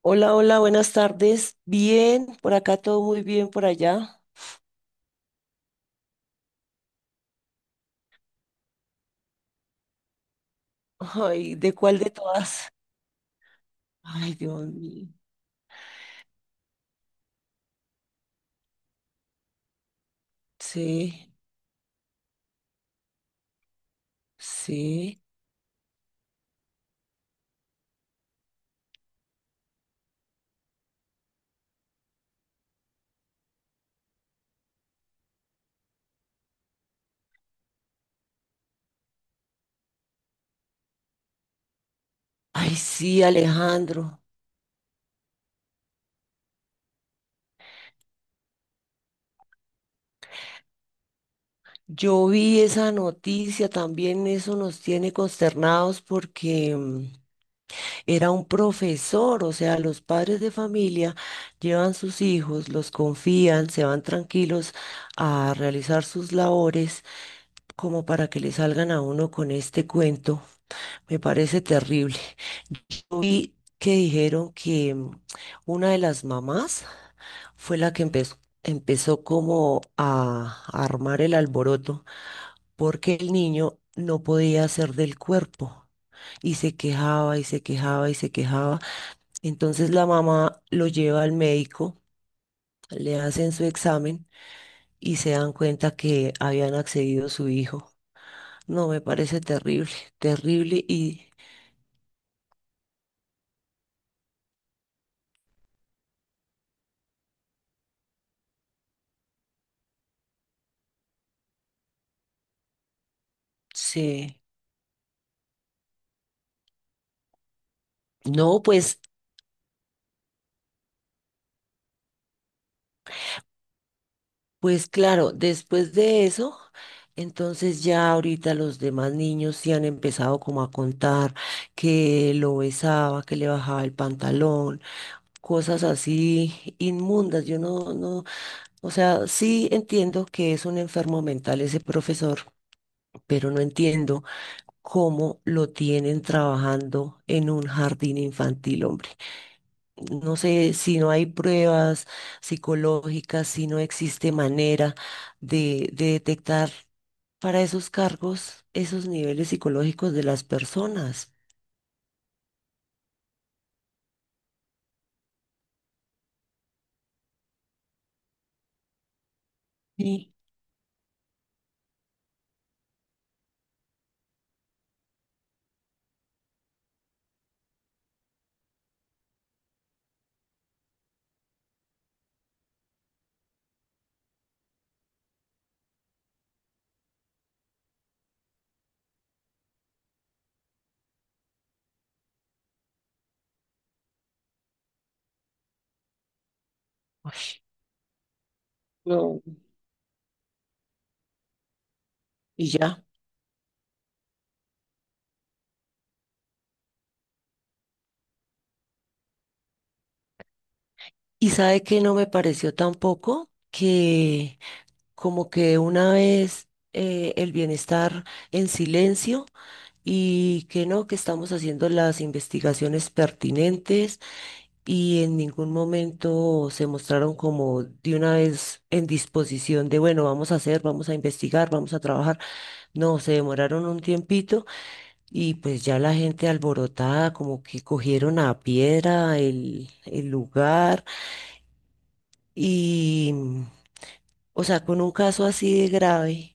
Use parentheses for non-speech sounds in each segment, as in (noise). Hola, hola, buenas tardes. Bien, por acá todo muy bien, por allá. Ay, ¿de cuál de todas? Ay, Dios mío. Sí, sí. Ay, sí, Alejandro. Yo vi esa noticia, también eso nos tiene consternados porque era un profesor, o sea, los padres de familia llevan sus hijos, los confían, se van tranquilos a realizar sus labores, como para que le salgan a uno con este cuento. Me parece terrible. Yo vi que dijeron que una de las mamás fue la que empezó como a armar el alboroto porque el niño no podía hacer del cuerpo y se quejaba y se quejaba y se quejaba. Entonces la mamá lo lleva al médico, le hacen su examen y se dan cuenta que habían accedido a su hijo. No, me parece terrible, terrible y sí. No, pues claro, después de eso, entonces ya ahorita los demás niños sí han empezado como a contar que lo besaba, que le bajaba el pantalón, cosas así inmundas. Yo no, no. O sea, sí entiendo que es un enfermo mental ese profesor, pero no entiendo cómo lo tienen trabajando en un jardín infantil, hombre. No sé si no hay pruebas psicológicas, si no existe manera de detectar para esos cargos esos niveles psicológicos de las personas. Y, uy, no, y ya. ¿Y sabe que no me pareció tampoco? Que como que una vez el bienestar en silencio y que no, que estamos haciendo las investigaciones pertinentes y en ningún momento se mostraron como de una vez en disposición de, bueno, vamos a hacer, vamos a investigar, vamos a trabajar. No, se demoraron un tiempito y pues ya la gente alborotada, como que cogieron a piedra el lugar y, o sea, con un caso así de grave.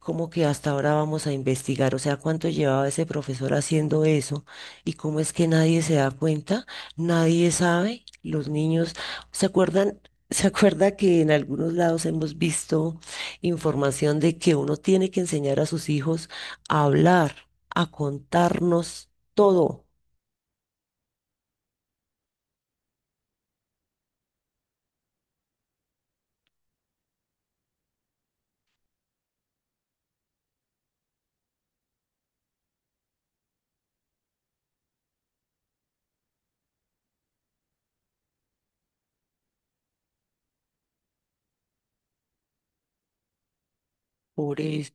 Como que hasta ahora vamos a investigar, o sea, cuánto llevaba ese profesor haciendo eso y cómo es que nadie se da cuenta, nadie sabe, los niños se acuerdan. (laughs) ¿Se acuerda que en algunos lados hemos visto información de que uno tiene que enseñar a sus hijos a hablar, a contarnos todo? Por eso.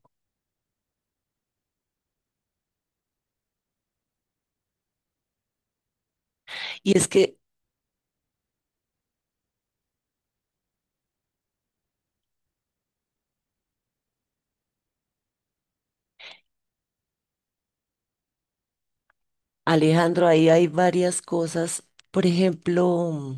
Y es que, Alejandro, ahí hay varias cosas. Por ejemplo,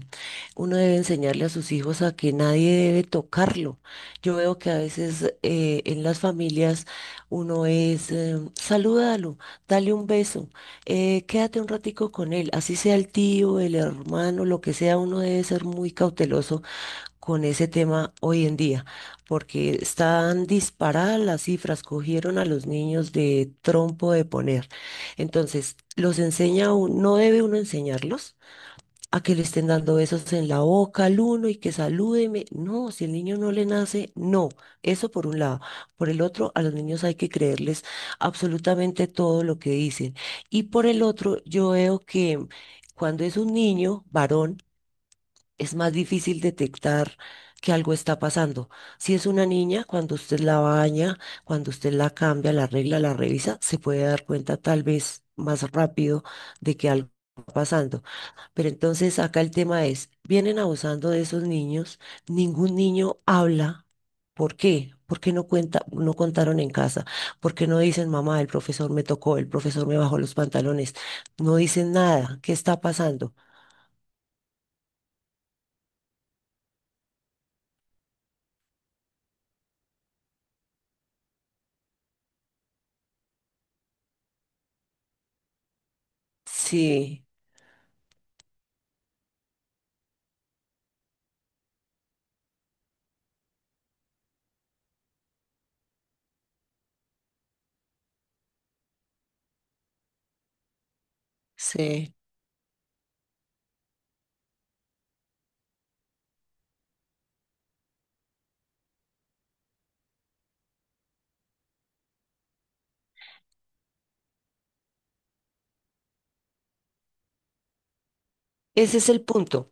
uno debe enseñarle a sus hijos a que nadie debe tocarlo. Yo veo que a veces en las familias uno es, salúdalo, dale un beso, quédate un ratico con él, así sea el tío, el hermano, lo que sea, uno debe ser muy cauteloso con ese tema hoy en día, porque están disparadas las cifras, cogieron a los niños de trompo de poner. Entonces, los enseña uno, no debe uno enseñarlos a que le estén dando besos en la boca al uno y que salúdeme. No, si el niño no le nace, no. Eso por un lado. Por el otro, a los niños hay que creerles absolutamente todo lo que dicen. Y por el otro, yo veo que cuando es un niño varón, es más difícil detectar que algo está pasando. Si es una niña, cuando usted la baña, cuando usted la cambia, la arregla, la revisa, se puede dar cuenta tal vez más rápido de que algo está pasando. Pero entonces acá el tema es, vienen abusando de esos niños, ningún niño habla. ¿Por qué? ¿Por qué no cuenta, no contaron en casa? ¿Por qué no dicen, mamá, el profesor me tocó, el profesor me bajó los pantalones? No dicen nada. ¿Qué está pasando? Sí, sí. Ese es el punto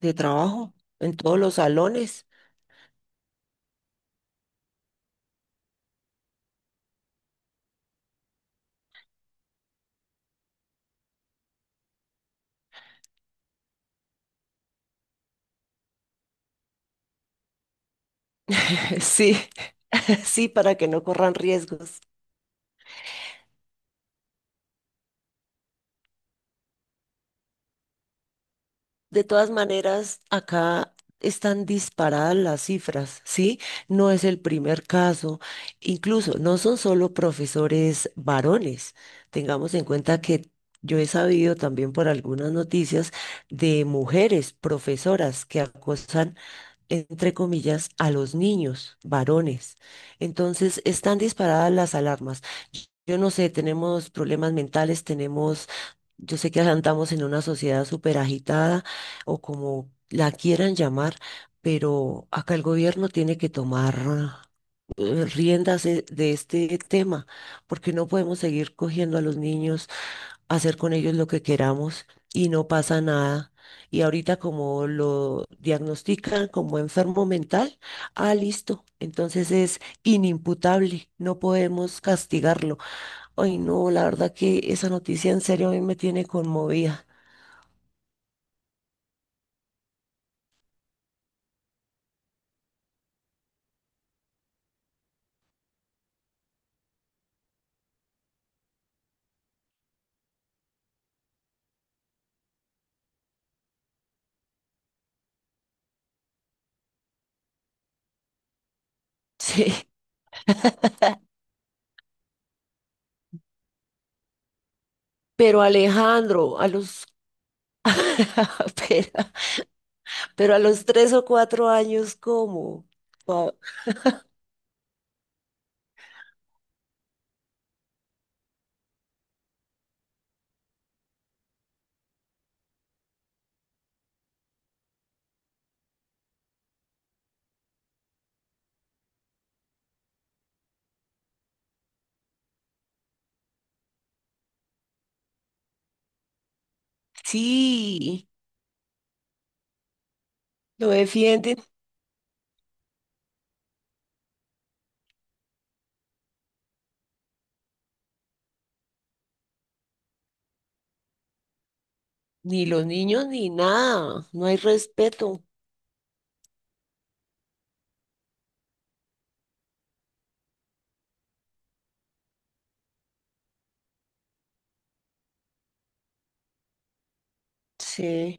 de trabajo en todos los salones. (laughs) Sí. (laughs) Sí, para que no corran riesgos. De todas maneras, acá están disparadas las cifras, ¿sí? No es el primer caso. Incluso no son solo profesores varones. Tengamos en cuenta que yo he sabido también por algunas noticias de mujeres profesoras que acosan entre comillas, a los niños, varones. Entonces, están disparadas las alarmas. Yo no sé, tenemos problemas mentales, tenemos, yo sé que andamos en una sociedad súper agitada o como la quieran llamar, pero acá el gobierno tiene que tomar riendas de este tema, porque no podemos seguir cogiendo a los niños hacer con ellos lo que queramos y no pasa nada. Y ahorita como lo diagnostican como enfermo mental, ah, listo, entonces es inimputable, no podemos castigarlo. Ay, no, la verdad que esa noticia en serio a mí me tiene conmovida. (laughs) Sí, pero Alejandro, a los... (laughs) pero, pero, a los 3 o 4 años, ¿cómo? Wow. Sí, lo defienden. Ni los niños ni nada, no hay respeto. Sí,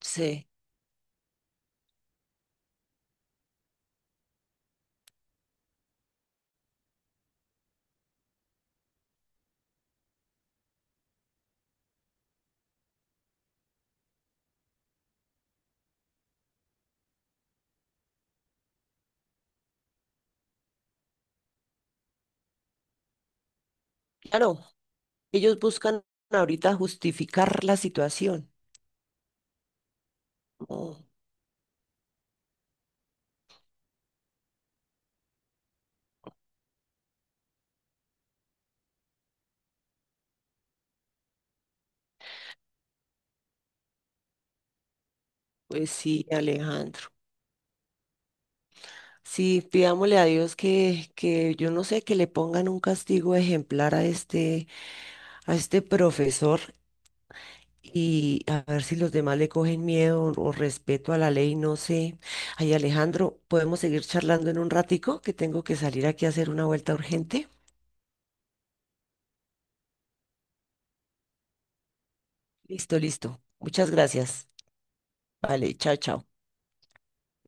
sí. Claro, ellos buscan ahorita justificar la situación. Oh, pues sí, Alejandro. Sí, pidámosle a Dios que yo no sé, que le pongan un castigo ejemplar a este profesor y a ver si los demás le cogen miedo o respeto a la ley, no sé. Ay, Alejandro, ¿podemos seguir charlando en un ratico? Que tengo que salir aquí a hacer una vuelta urgente. Listo, listo. Muchas gracias. Vale, chao, chao.